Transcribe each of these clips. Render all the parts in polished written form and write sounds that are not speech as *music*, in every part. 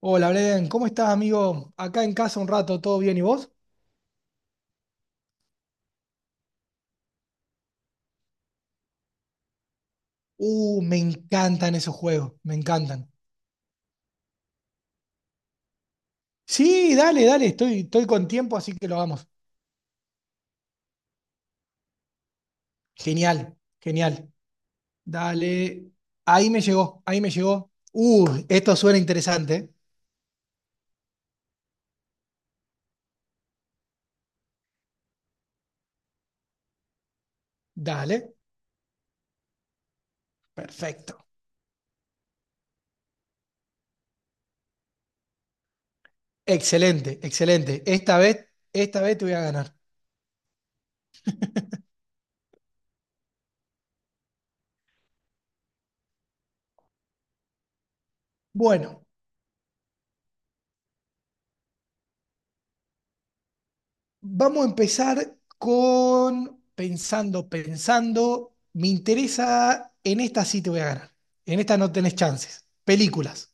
Hola, Blen, ¿cómo estás, amigo? Acá en casa un rato, ¿todo bien? ¿Y vos? Me encantan esos juegos, me encantan. Sí, dale, dale, estoy con tiempo, así que lo hagamos. Genial, genial. Dale. Ahí me llegó, ahí me llegó. Esto suena interesante. Dale, perfecto. Excelente, excelente. Esta vez te voy a ganar. Bueno, vamos a empezar con pensando. Me interesa, en esta sí te voy a ganar. En esta no tenés chances. Películas.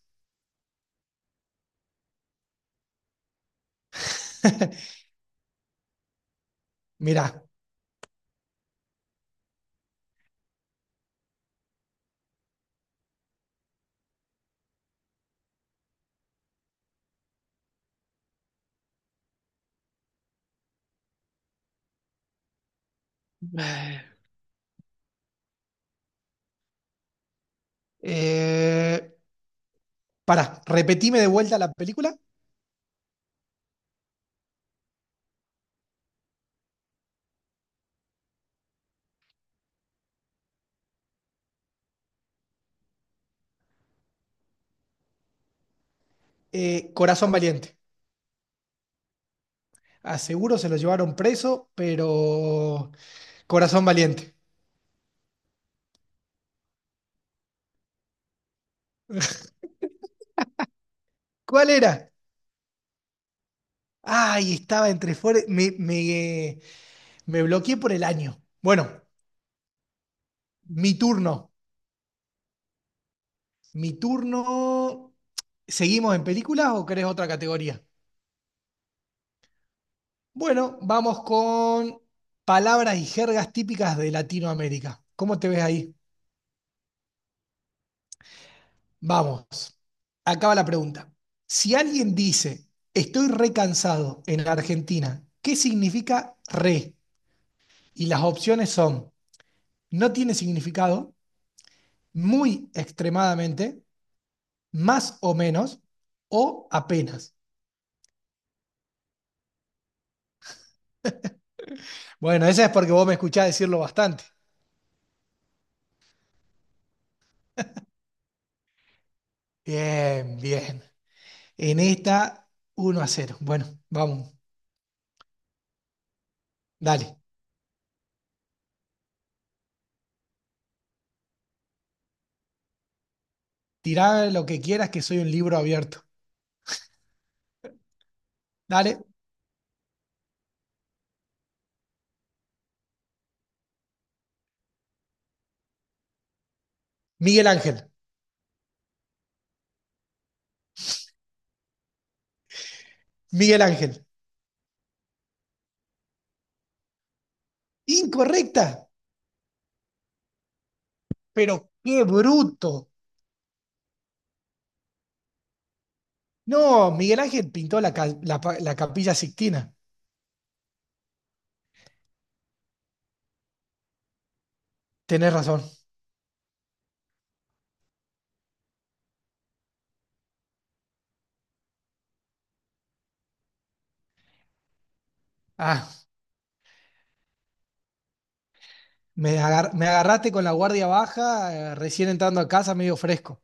*laughs* Mirá. Eh, pará, repetime de vuelta la película. Corazón Valiente. A seguro se lo llevaron preso, pero Corazón Valiente. ¿Cuál era? Ay, estaba entre fuera. Me bloqueé por el año. Bueno, mi turno. Mi turno. ¿Seguimos en películas o querés otra categoría? Bueno, vamos con palabras y jergas típicas de Latinoamérica. ¿Cómo te ves ahí? Vamos. Acaba la pregunta. Si alguien dice, estoy recansado en Argentina, ¿qué significa re? Y las opciones son, no tiene significado, muy extremadamente, más o menos, o apenas. Bueno, esa es porque vos me escuchás decirlo bastante. Bien, bien. En esta, 1-0. Bueno, vamos, dale. Tirá lo que quieras, que soy un libro abierto. Dale, Miguel Ángel. Miguel Ángel. Incorrecta, pero qué bruto. No, Miguel Ángel pintó la, ca- la pa- la Capilla Sixtina. Tenés razón. Ah, me agarraste con la guardia baja, recién entrando a casa, medio fresco.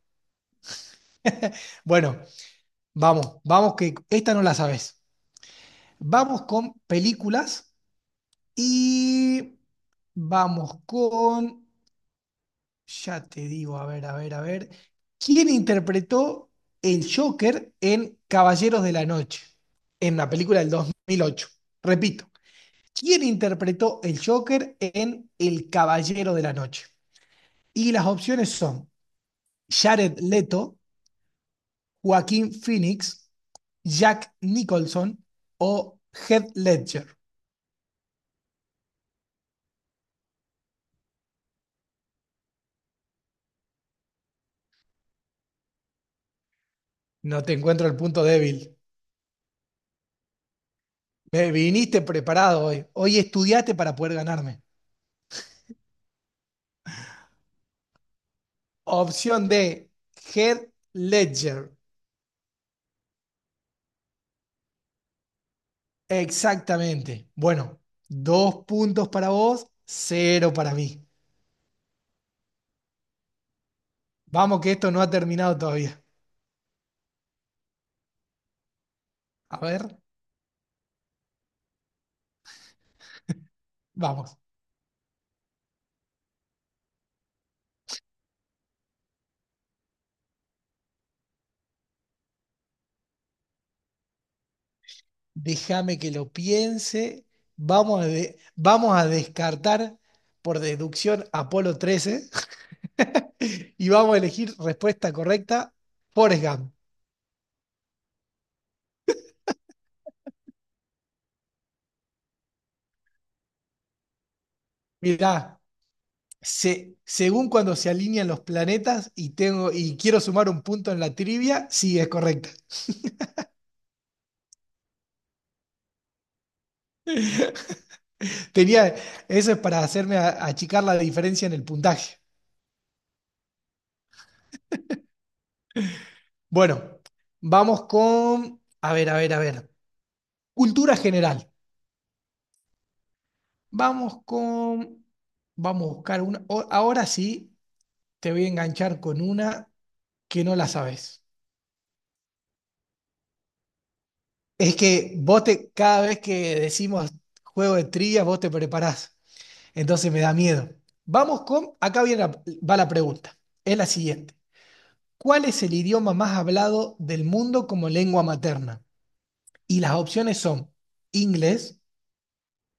Bueno, vamos, vamos, que esta no la sabes. Vamos con películas y vamos con. Ya te digo, a ver, a ver, a ver. ¿Quién interpretó el Joker en Caballeros de la Noche? En la película del 2008. Repito, ¿quién interpretó el Joker en El Caballero de la Noche? Y las opciones son Jared Leto, Joaquín Phoenix, Jack Nicholson o Heath Ledger. No te encuentro el punto débil. Me viniste preparado hoy. Hoy estudiaste para poder ganarme. Opción D, Head Ledger. Exactamente. Bueno, 2 puntos para vos, 0 para mí. Vamos que esto no ha terminado todavía. A ver, vamos. Déjame que lo piense. Vamos a, vamos a descartar por deducción Apolo 13 *laughs* y vamos a elegir respuesta correcta, Forrest Gump. Mirá, según cuando se alinean los planetas y tengo y quiero sumar un punto en la trivia, sí, es correcta. *laughs* Tenía, eso es para achicar la diferencia en el puntaje. Bueno, vamos con, a ver, a ver, a ver, cultura general. Vamos con, vamos a buscar una. Ahora sí, te voy a enganchar con una que no la sabes. Es que cada vez que decimos juego de trivia, vos te preparás. Entonces me da miedo. Vamos con, acá viene va la pregunta. Es la siguiente. ¿Cuál es el idioma más hablado del mundo como lengua materna? Y las opciones son inglés,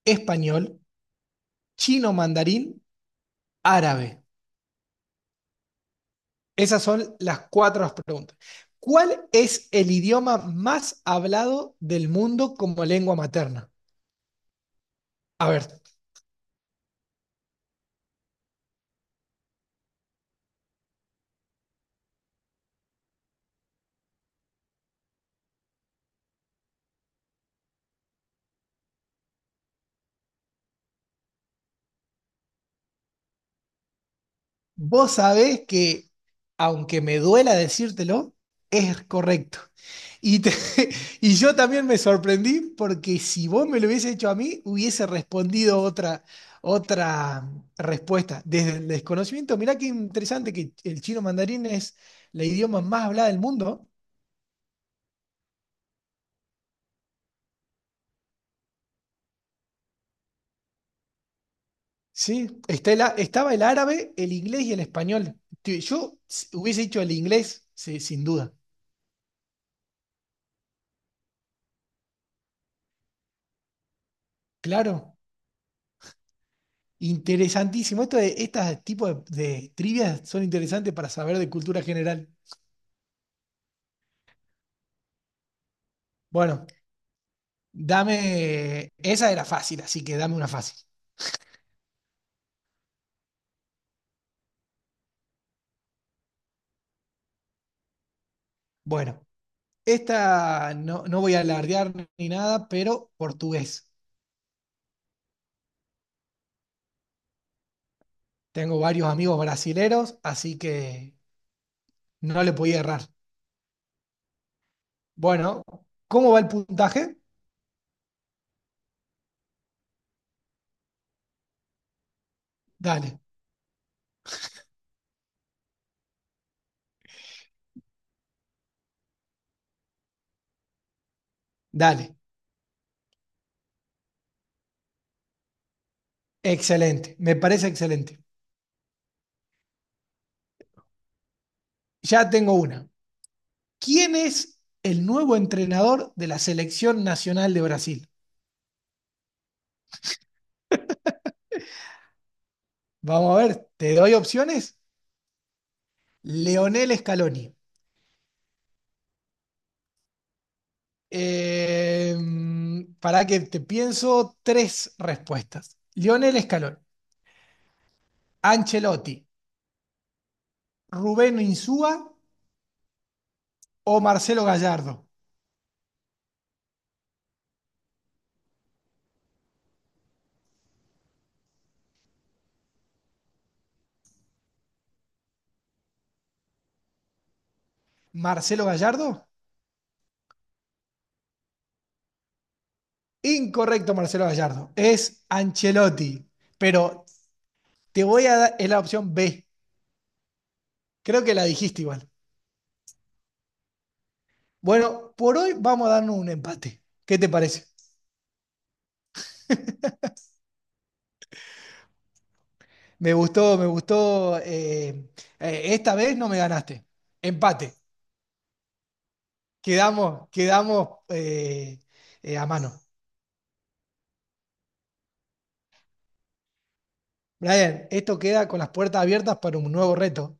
español, chino mandarín, árabe. Esas son las cuatro preguntas. ¿Cuál es el idioma más hablado del mundo como lengua materna? A ver, vos sabés que, aunque me duela decírtelo, es correcto. Y, te- *laughs* y yo también me sorprendí porque si vos me lo hubiese hecho a mí, hubiese respondido otra respuesta. Desde el desconocimiento, mirá qué interesante que el chino mandarín es la idioma más hablada del mundo. Sí, estaba el árabe, el inglés y el español. Hubiese dicho el inglés, sí, sin duda. Claro. Interesantísimo. Estas tipos de trivias son interesantes para saber de cultura general. Bueno, dame. Esa era fácil, así que dame una fácil. Bueno, esta no, no voy a alardear ni nada, pero portugués. Tengo varios amigos brasileros, así que no le podía errar. Bueno, ¿cómo va el puntaje? Dale, dale. Excelente, me parece excelente. Ya tengo una. ¿Quién es el nuevo entrenador de la Selección Nacional de Brasil? Vamos a ver, te doy opciones. Leonel Scaloni. Eh, para que te pienso tres respuestas. Lionel Scaloni, Ancelotti, Rubén Insúa o Marcelo Gallardo. ¿Marcelo Gallardo? Incorrecto, Marcelo Gallardo. Es Ancelotti. Pero te voy a dar es la opción B. Creo que la dijiste igual. Bueno, por hoy vamos a darnos un empate. ¿Qué te parece? Me gustó, me gustó. Esta vez no me ganaste. Empate. Quedamos a mano. Brian, esto queda con las puertas abiertas para un nuevo reto.